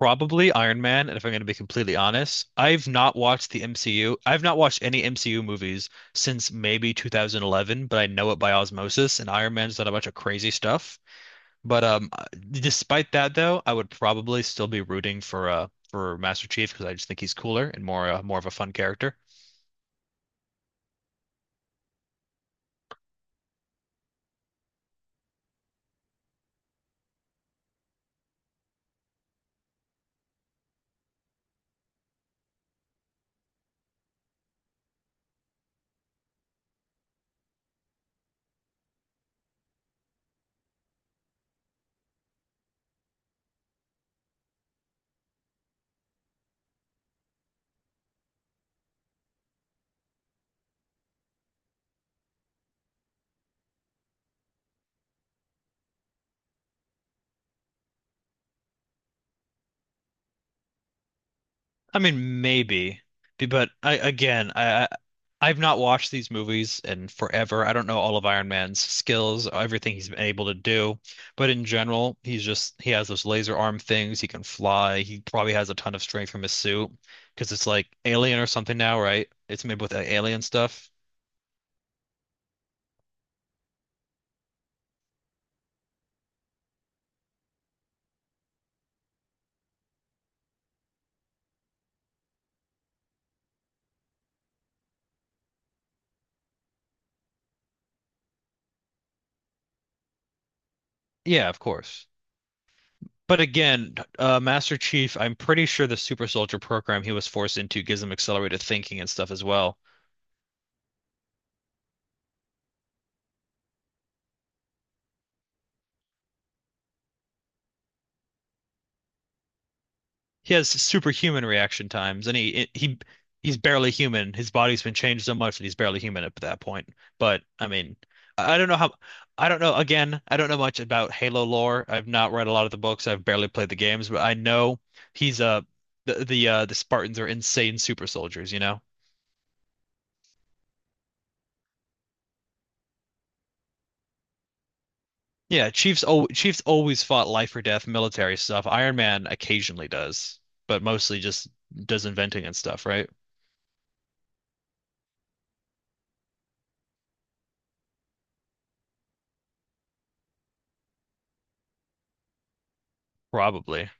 Probably Iron Man, and if I'm going to be completely honest, I've not watched the MCU. I've not watched any MCU movies since maybe 2011, but I know it by osmosis, and Iron Man's done a bunch of crazy stuff. But Despite that, though, I would probably still be rooting for for Master Chief because I just think he's cooler and more more of a fun character. I mean, maybe, but I again, I've not watched these movies in forever. I don't know all of Iron Man's skills, everything he's been able to do, but in general, he has those laser arm things. He can fly. He probably has a ton of strength from his suit because it's like alien or something now, right? It's made with alien stuff. Yeah, of course. But again, Master Chief, I'm pretty sure the Super Soldier program he was forced into gives him accelerated thinking and stuff as well. He has superhuman reaction times, and he's barely human. His body's been changed so much that he's barely human at that point. But I mean, I don't know how. I don't know. Again, I don't know much about Halo lore. I've not read a lot of the books. I've barely played the games, but I know he's the Spartans are insane super soldiers. You know? Yeah. Chiefs. Al Chiefs always fought life or death military stuff. Iron Man occasionally does, but mostly just does inventing and stuff, right? Probably.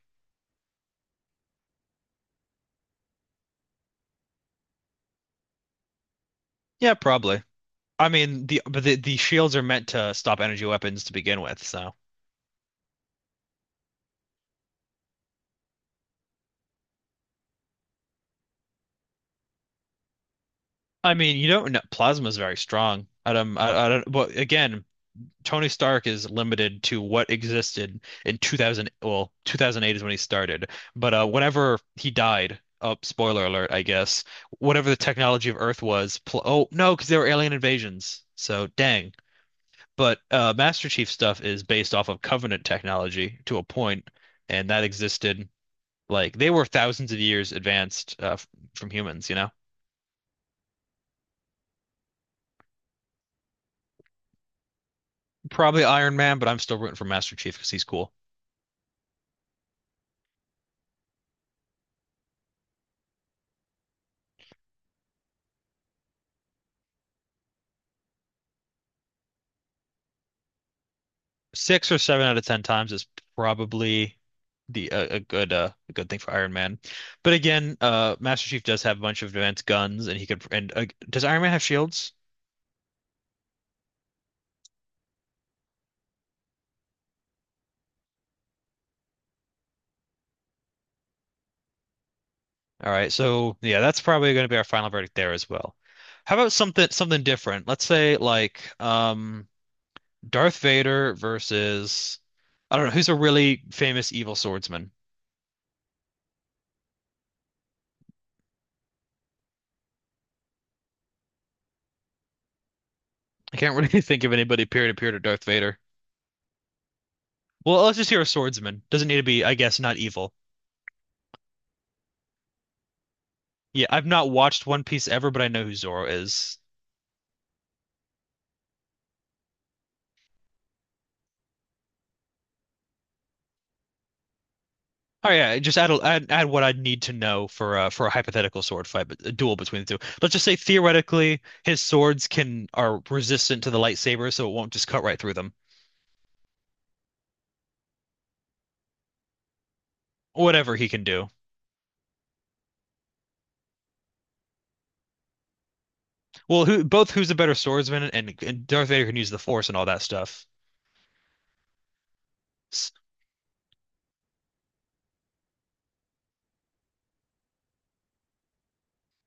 Yeah, probably. I mean, the shields are meant to stop energy weapons to begin with, so I mean, you don't know plasma is very strong. I don't, Well, again, Tony Stark is limited to what existed in 2000, well, 2008 is when he started. But whenever he died, oh, spoiler alert, I guess, whatever the technology of Earth was, pl oh, no, because there were alien invasions. So dang. But Master Chief stuff is based off of Covenant technology to a point, and that existed. Like they were thousands of years advanced from humans, you know? Probably Iron Man, but I'm still rooting for Master Chief because he's cool. Six or seven out of ten times is probably the a good thing for Iron Man. But again, Master Chief does have a bunch of advanced guns, and he could. And does Iron Man have shields? All right, so yeah, that's probably going to be our final verdict there as well. How about something different? Let's say like Darth Vader versus I don't know who's a really famous evil swordsman. I can't really think of anybody peer to Darth Vader. Well, let's just hear a swordsman. Doesn't need to be, I guess, not evil. Yeah, I've not watched One Piece ever, but I know who Zoro is. Oh yeah, just add, a- add add what I'd need to know for a hypothetical sword fight, but a duel between the two. Let's just say theoretically his swords can are resistant to the lightsaber, so it won't just cut right through them. Whatever he can do. Well, who's a better swordsman and Darth Vader can use the Force and all that stuff.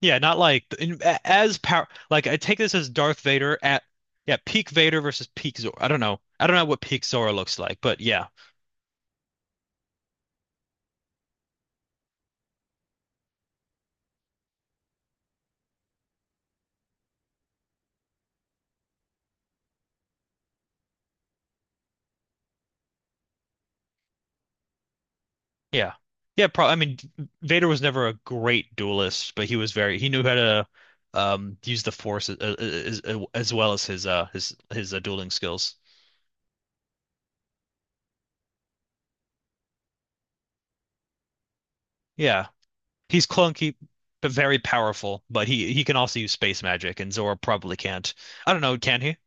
Yeah, not like in- a- as power. Like I take this as Darth Vader at yeah peak Vader versus peak Zor. I don't know. I don't know what peak Zora looks like, but yeah, yeah, yeah. Probably. I mean, Vader was never a great duelist, but he was very. He knew how to use the Force as as well as his dueling skills. Yeah, he's clunky but very powerful. But he can also use space magic, and Zora probably can't. I don't know. Can he?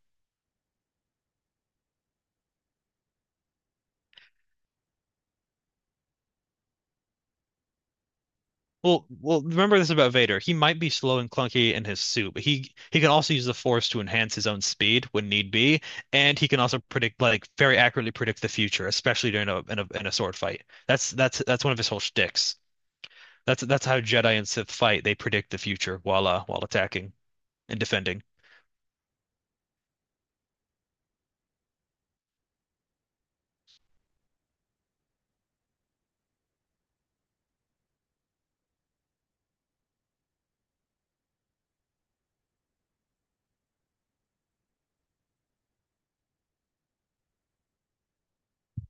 Well, well, remember this about Vader. He might be slow and clunky in his suit, but he can also use the Force to enhance his own speed when need be, and he can also predict like very accurately predict the future, especially during a in a in a sword fight. That's one of his whole shticks. That's how Jedi and Sith fight. They predict the future while attacking and defending.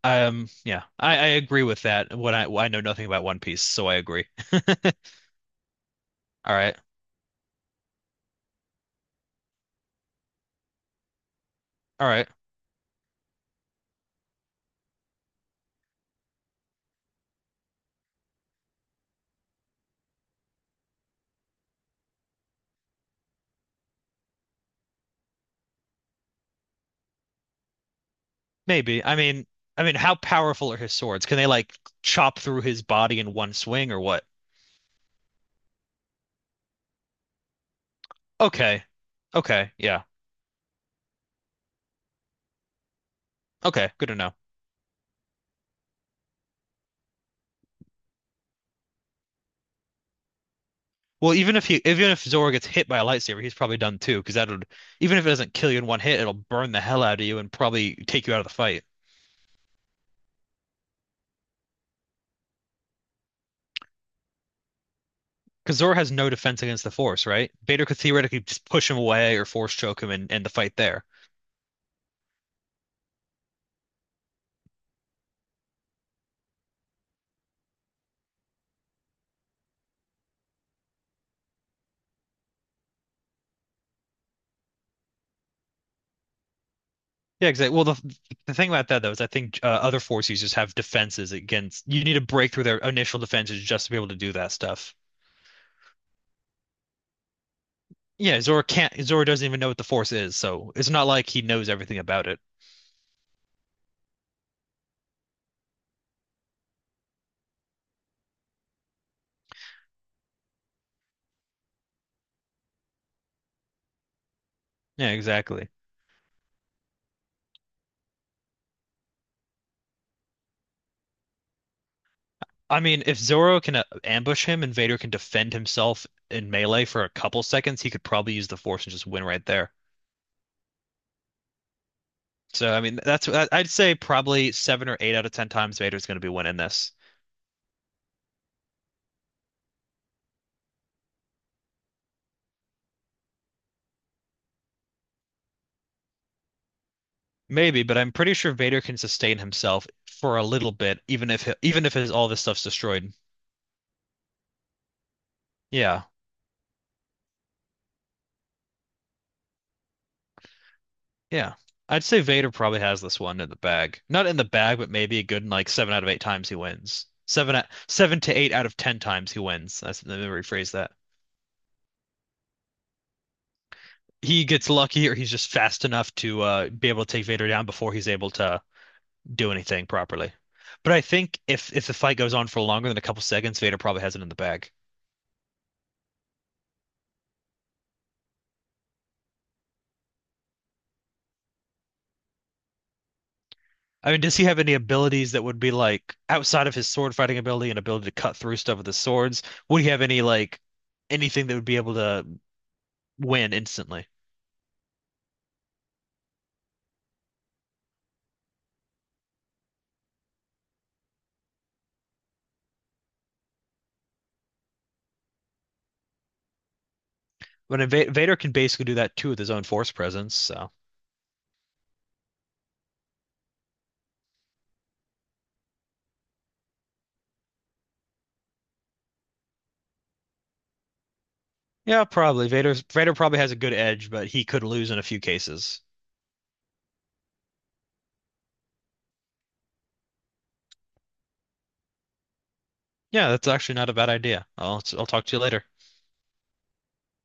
Yeah, I agree with that. What I know nothing about One Piece, so I agree. All right, all right. Maybe. I mean, how powerful are his swords? Can they like chop through his body in one swing or what? Okay. Okay. Yeah. Okay. Good to know. Well, even if Zoro gets hit by a lightsaber, he's probably done too, because that would, even if it doesn't kill you in one hit, it'll burn the hell out of you and probably take you out of the fight. Because Zoro has no defense against the Force, right? Vader could theoretically just push him away or Force choke him and end the fight there. Yeah, exactly. Well, the thing about that though is I think other Force users have defenses against. You need to break through their initial defenses just to be able to do that stuff. Yeah, Zoro can't. Zoro doesn't even know what the Force is, so it's not like he knows everything about it. Yeah, exactly. I mean, if Zoro can ambush him and Vader can defend himself in melee for a couple seconds, he could probably use the Force and just win right there. So, I mean, I'd say probably seven or eight out of ten times Vader's going to be winning this. Maybe, but I'm pretty sure Vader can sustain himself for a little bit, even if his all this stuff's destroyed. Yeah, yeah. I'd say Vader probably has this one in the bag. Not in the bag, but maybe a good like seven out of eight times he wins. Seven to eight out of ten times he wins. That's, let me rephrase that. He gets lucky or he's just fast enough to be able to take Vader down before he's able to do anything properly. But I think if the fight goes on for longer than a couple seconds, Vader probably has it in the bag. I mean, does he have any abilities that would be like outside of his sword fighting ability and ability to cut through stuff with his swords? Would he have any like anything that would be able to win instantly? When Vader can basically do that too with his own force presence, so yeah, probably Vader. Vader probably has a good edge, but he could lose in a few cases. Yeah, that's actually not a bad idea. I'll talk to you later.